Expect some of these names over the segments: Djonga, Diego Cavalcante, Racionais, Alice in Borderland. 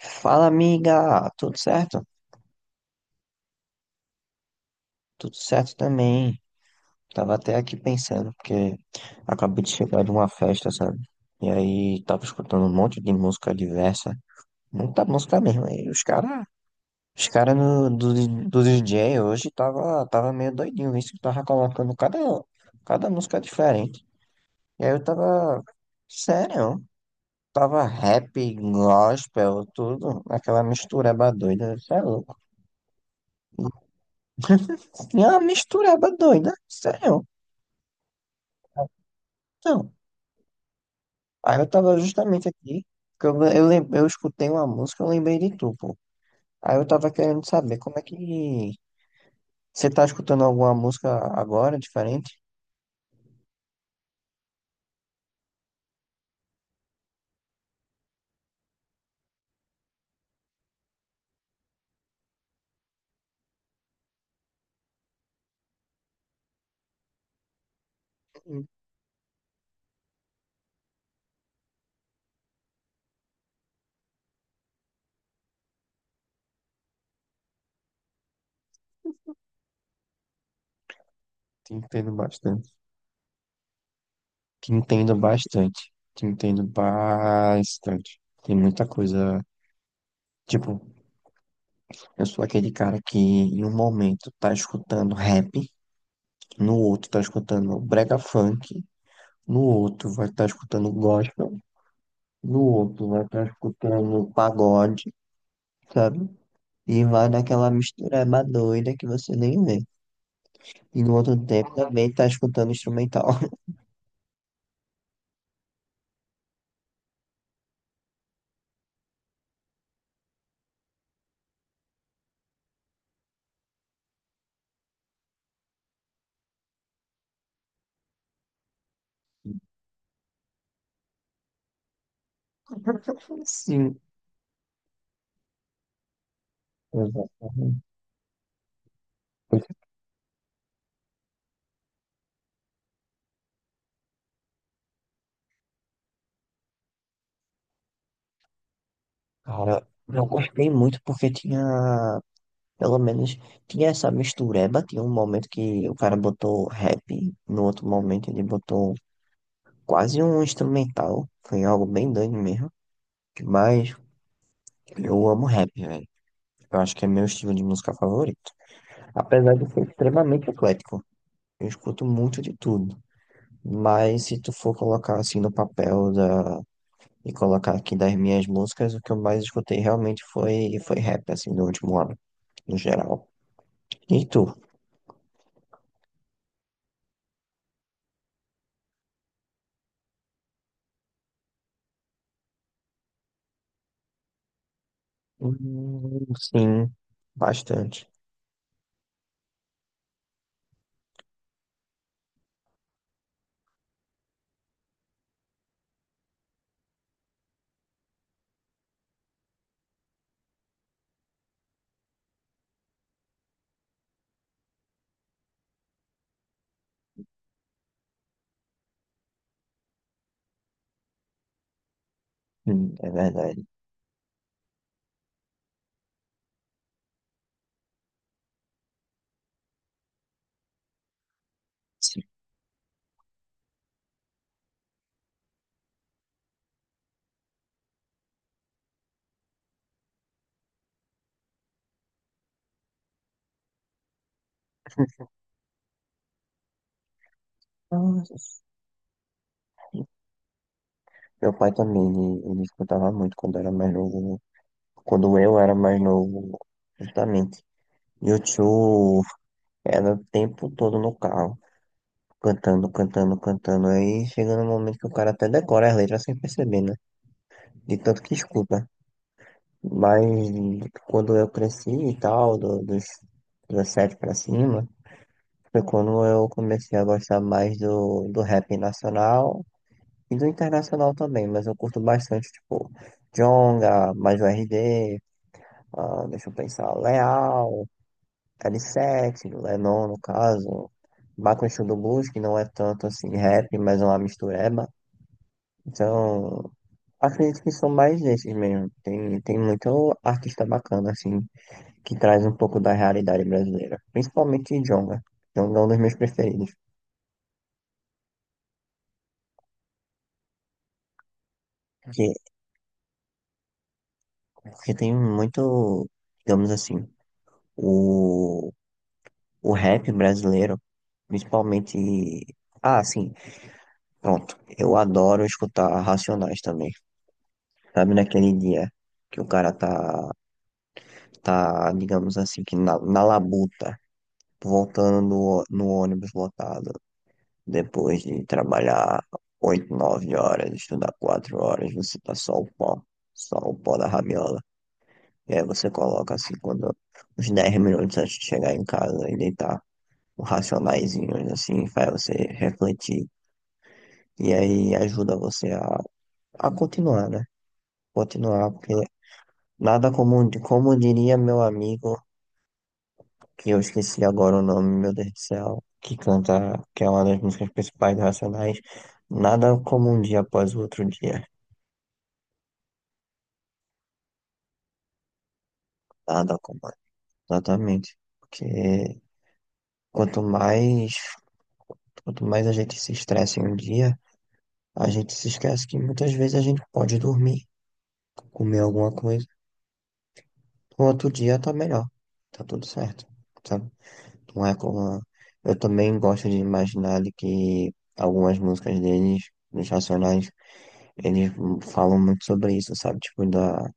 Fala, amiga, tudo certo? Tudo certo também. Tava até aqui pensando, porque acabei de chegar de uma festa, sabe? E aí tava escutando um monte de música diversa, muita música mesmo. E os caras do DJ hoje tava meio doidinho, isso que tava colocando cada música diferente. E aí eu tava, sério, tava rap, gospel, tudo, aquela mistureba doida, você é louco. Tinha uma mistureba doida, sério. Então, aí eu tava justamente aqui, porque eu escutei uma música, eu lembrei de tu, pô. Aí eu tava querendo saber como é que você tá escutando alguma música agora, diferente? Hum. Te entendo bastante. Te entendo bastante. Te entendo bastante. Tem muita coisa, tipo, eu sou aquele cara que em um momento tá escutando rap, no outro tá escutando brega funk, no outro vai estar escutando gospel, no outro vai estar escutando pagode, sabe? E vai naquela mistureba doida que você nem vê. E no outro tempo também tá escutando instrumental. Sim, exatamente. Cara, eu gostei muito porque tinha Pelo menos tinha essa mistureba. Tinha um momento que o cara botou rap, no outro momento ele botou quase um instrumental. Foi algo bem doido mesmo. Mas eu amo rap, velho. Eu acho que é meu estilo de música favorito. Apesar de ser extremamente eclético. Eu escuto muito de tudo. Mas se tu for colocar assim no papel da. E colocar aqui das minhas músicas, o que eu mais escutei realmente foi rap, assim, no último ano, no geral. E tu? Sim, bastante. É verdade. Sim. Nossa. Meu pai também, ele escutava muito quando era mais novo, né? Quando eu era mais novo, justamente. E o tio era o tempo todo no carro, cantando, cantando, cantando. Aí chegando no momento que o cara até decora as letras sem perceber, né? De tanto que escuta. Mas quando eu cresci e tal, dos 17 pra cima, foi quando eu comecei a gostar mais do rap nacional e do internacional também, mas eu curto bastante, tipo, Djonga, mais o RD, ah, deixa eu pensar, Leal, L7, Lenon no caso, Bakushu do Blues, que não é tanto assim rap, mas é uma mistureba. Então, acredito que são mais desses mesmo. Tem muito artista bacana, assim, que traz um pouco da realidade brasileira, principalmente Djonga. Djonga é um dos meus preferidos. Que Porque tem muito, digamos assim, o, o rap brasileiro, principalmente. Ah, sim, pronto. Eu adoro escutar Racionais também. Sabe, naquele dia que o cara tá digamos assim, que na labuta, voltando no ônibus lotado, depois de trabalhar 8 9 horas, estudar 4 horas, você tá só o pó da rabiola. E aí você coloca assim, quando uns 10 minutos antes de chegar em casa e deitar, um racionaizinho assim, faz você refletir. E aí ajuda você a continuar, né? Continuar, porque nada como, como diria meu amigo, que eu esqueci agora o nome, meu Deus do céu, que canta, que é uma das músicas principais do Racionais, nada como um dia após o outro dia. Nada como. Exatamente. Porque quanto mais, quanto mais a gente se estressa em um dia, a gente se esquece que muitas vezes a gente pode dormir, comer alguma coisa, no outro dia tá melhor, tá tudo certo, sabe? Não é como. Eu também gosto de imaginar de que algumas músicas deles, dos Racionais, eles falam muito sobre isso, sabe? Tipo,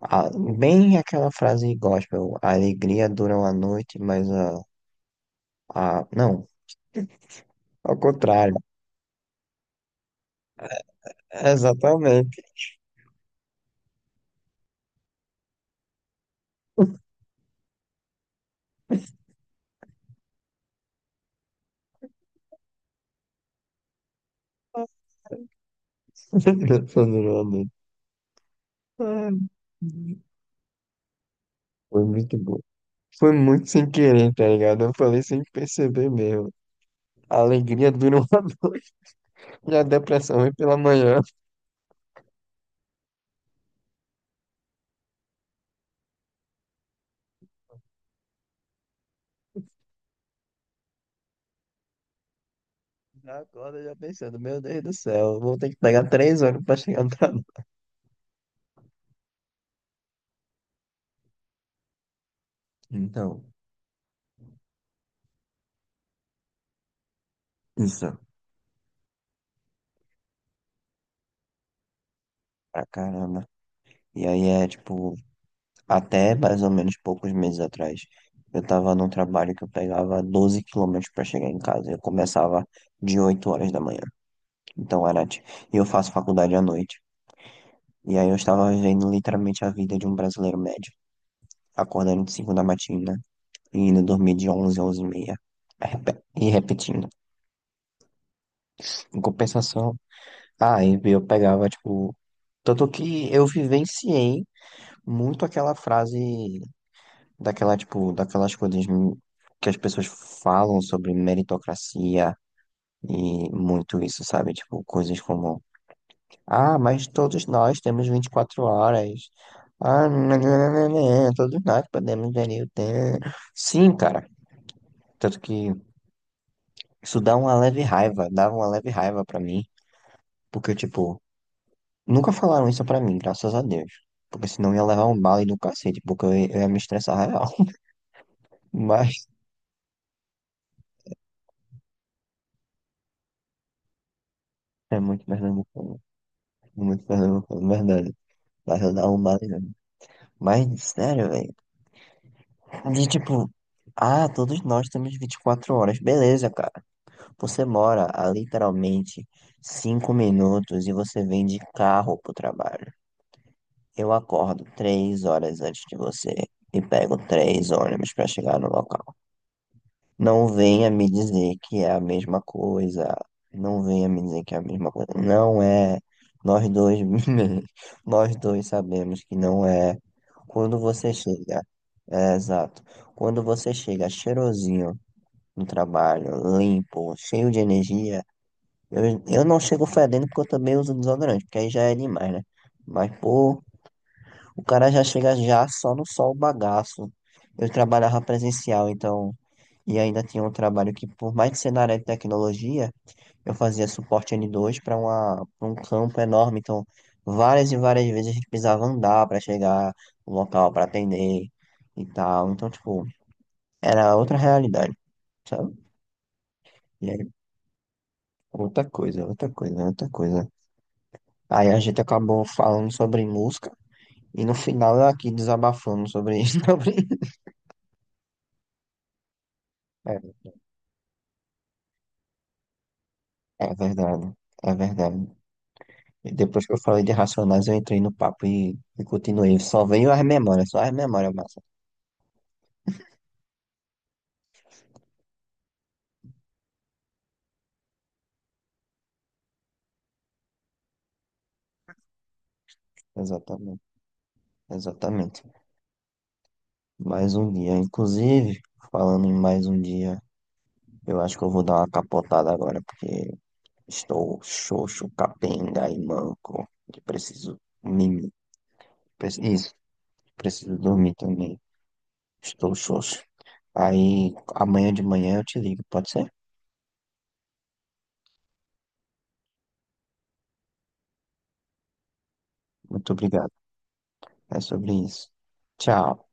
a- bem aquela frase gospel: a alegria dura uma noite, mas não, ao contrário. Exatamente. Dura uma noite. Ai, foi muito bom. Foi muito sem querer, tá ligado? Eu falei sem perceber mesmo. A alegria dura uma noite e a depressão vem pela manhã. Já acorda já pensando, meu Deus do céu, eu vou ter que pegar 3 horas pra chegar no trabalho. Então, isso, pra caramba. E aí é tipo, até mais ou menos poucos meses atrás, eu tava num trabalho que eu pegava 12 km pra chegar em casa. Eu começava de 8 horas da manhã. Então era, e eu faço faculdade à noite. E aí eu estava vivendo literalmente a vida de um brasileiro médio, acordando de 5 da matina e indo dormir de 11 a 11 e meia. E repetindo. Em compensação, ah, e eu pegava, tipo. Tanto que eu vivenciei muito aquela frase daquela, tipo, daquelas coisas que as pessoas falam sobre meritocracia e muito isso, sabe? Tipo, coisas como, ah, mas todos nós temos 24 horas. Ah, nananana, todos nós podemos gerir o tempo. Sim, cara. Tanto que isso dá uma leve raiva, dava uma leve raiva pra mim, porque, tipo, nunca falaram isso pra mim, graças a Deus. Porque senão eu ia levar um bala e do cacete, porque eu ia me estressar real. Mas é muito pernambucano, verdade. Mas eu dar um bala e Mas, sério, velho. De tipo, ah, todos nós temos 24 horas. Beleza, cara. Você mora a literalmente 5 minutos e você vem de carro pro trabalho. Eu acordo 3 horas antes de você e pego três ônibus para chegar no local. Não venha me dizer que é a mesma coisa. Não venha me dizer que é a mesma coisa. Não é. Nós dois, nós dois sabemos que não é. Quando você chega, é exato. Quando você chega cheirosinho no trabalho, limpo, cheio de energia, eu não chego fedendo porque eu também uso desodorante, porque aí já é demais, né? Mas, pô, o cara já chega já só no sol bagaço. Eu trabalhava presencial, então, e ainda tinha um trabalho que, por mais que ser na área de tecnologia, eu fazia suporte N2 pra um campo enorme. Então, várias e várias vezes a gente precisava andar para chegar no local para atender e tal. Então, tipo, era outra realidade, sabe? E aí, outra coisa, outra coisa, outra coisa. Aí a gente acabou falando sobre música e no final eu aqui desabafando sobre isso. É. É verdade, é verdade. E depois que eu falei de Racionais, eu entrei no papo e continuei. Só veio as memórias, só as memórias, massa. Exatamente, exatamente. Mais um dia. Inclusive, falando em mais um dia, eu acho que eu vou dar uma capotada agora, porque estou xoxo, capenga e manco. E preciso mimir. Isso, preciso dormir também. Estou xoxo. Aí, amanhã de manhã eu te ligo, pode ser? Muito obrigado. É sobre isso. Tchau.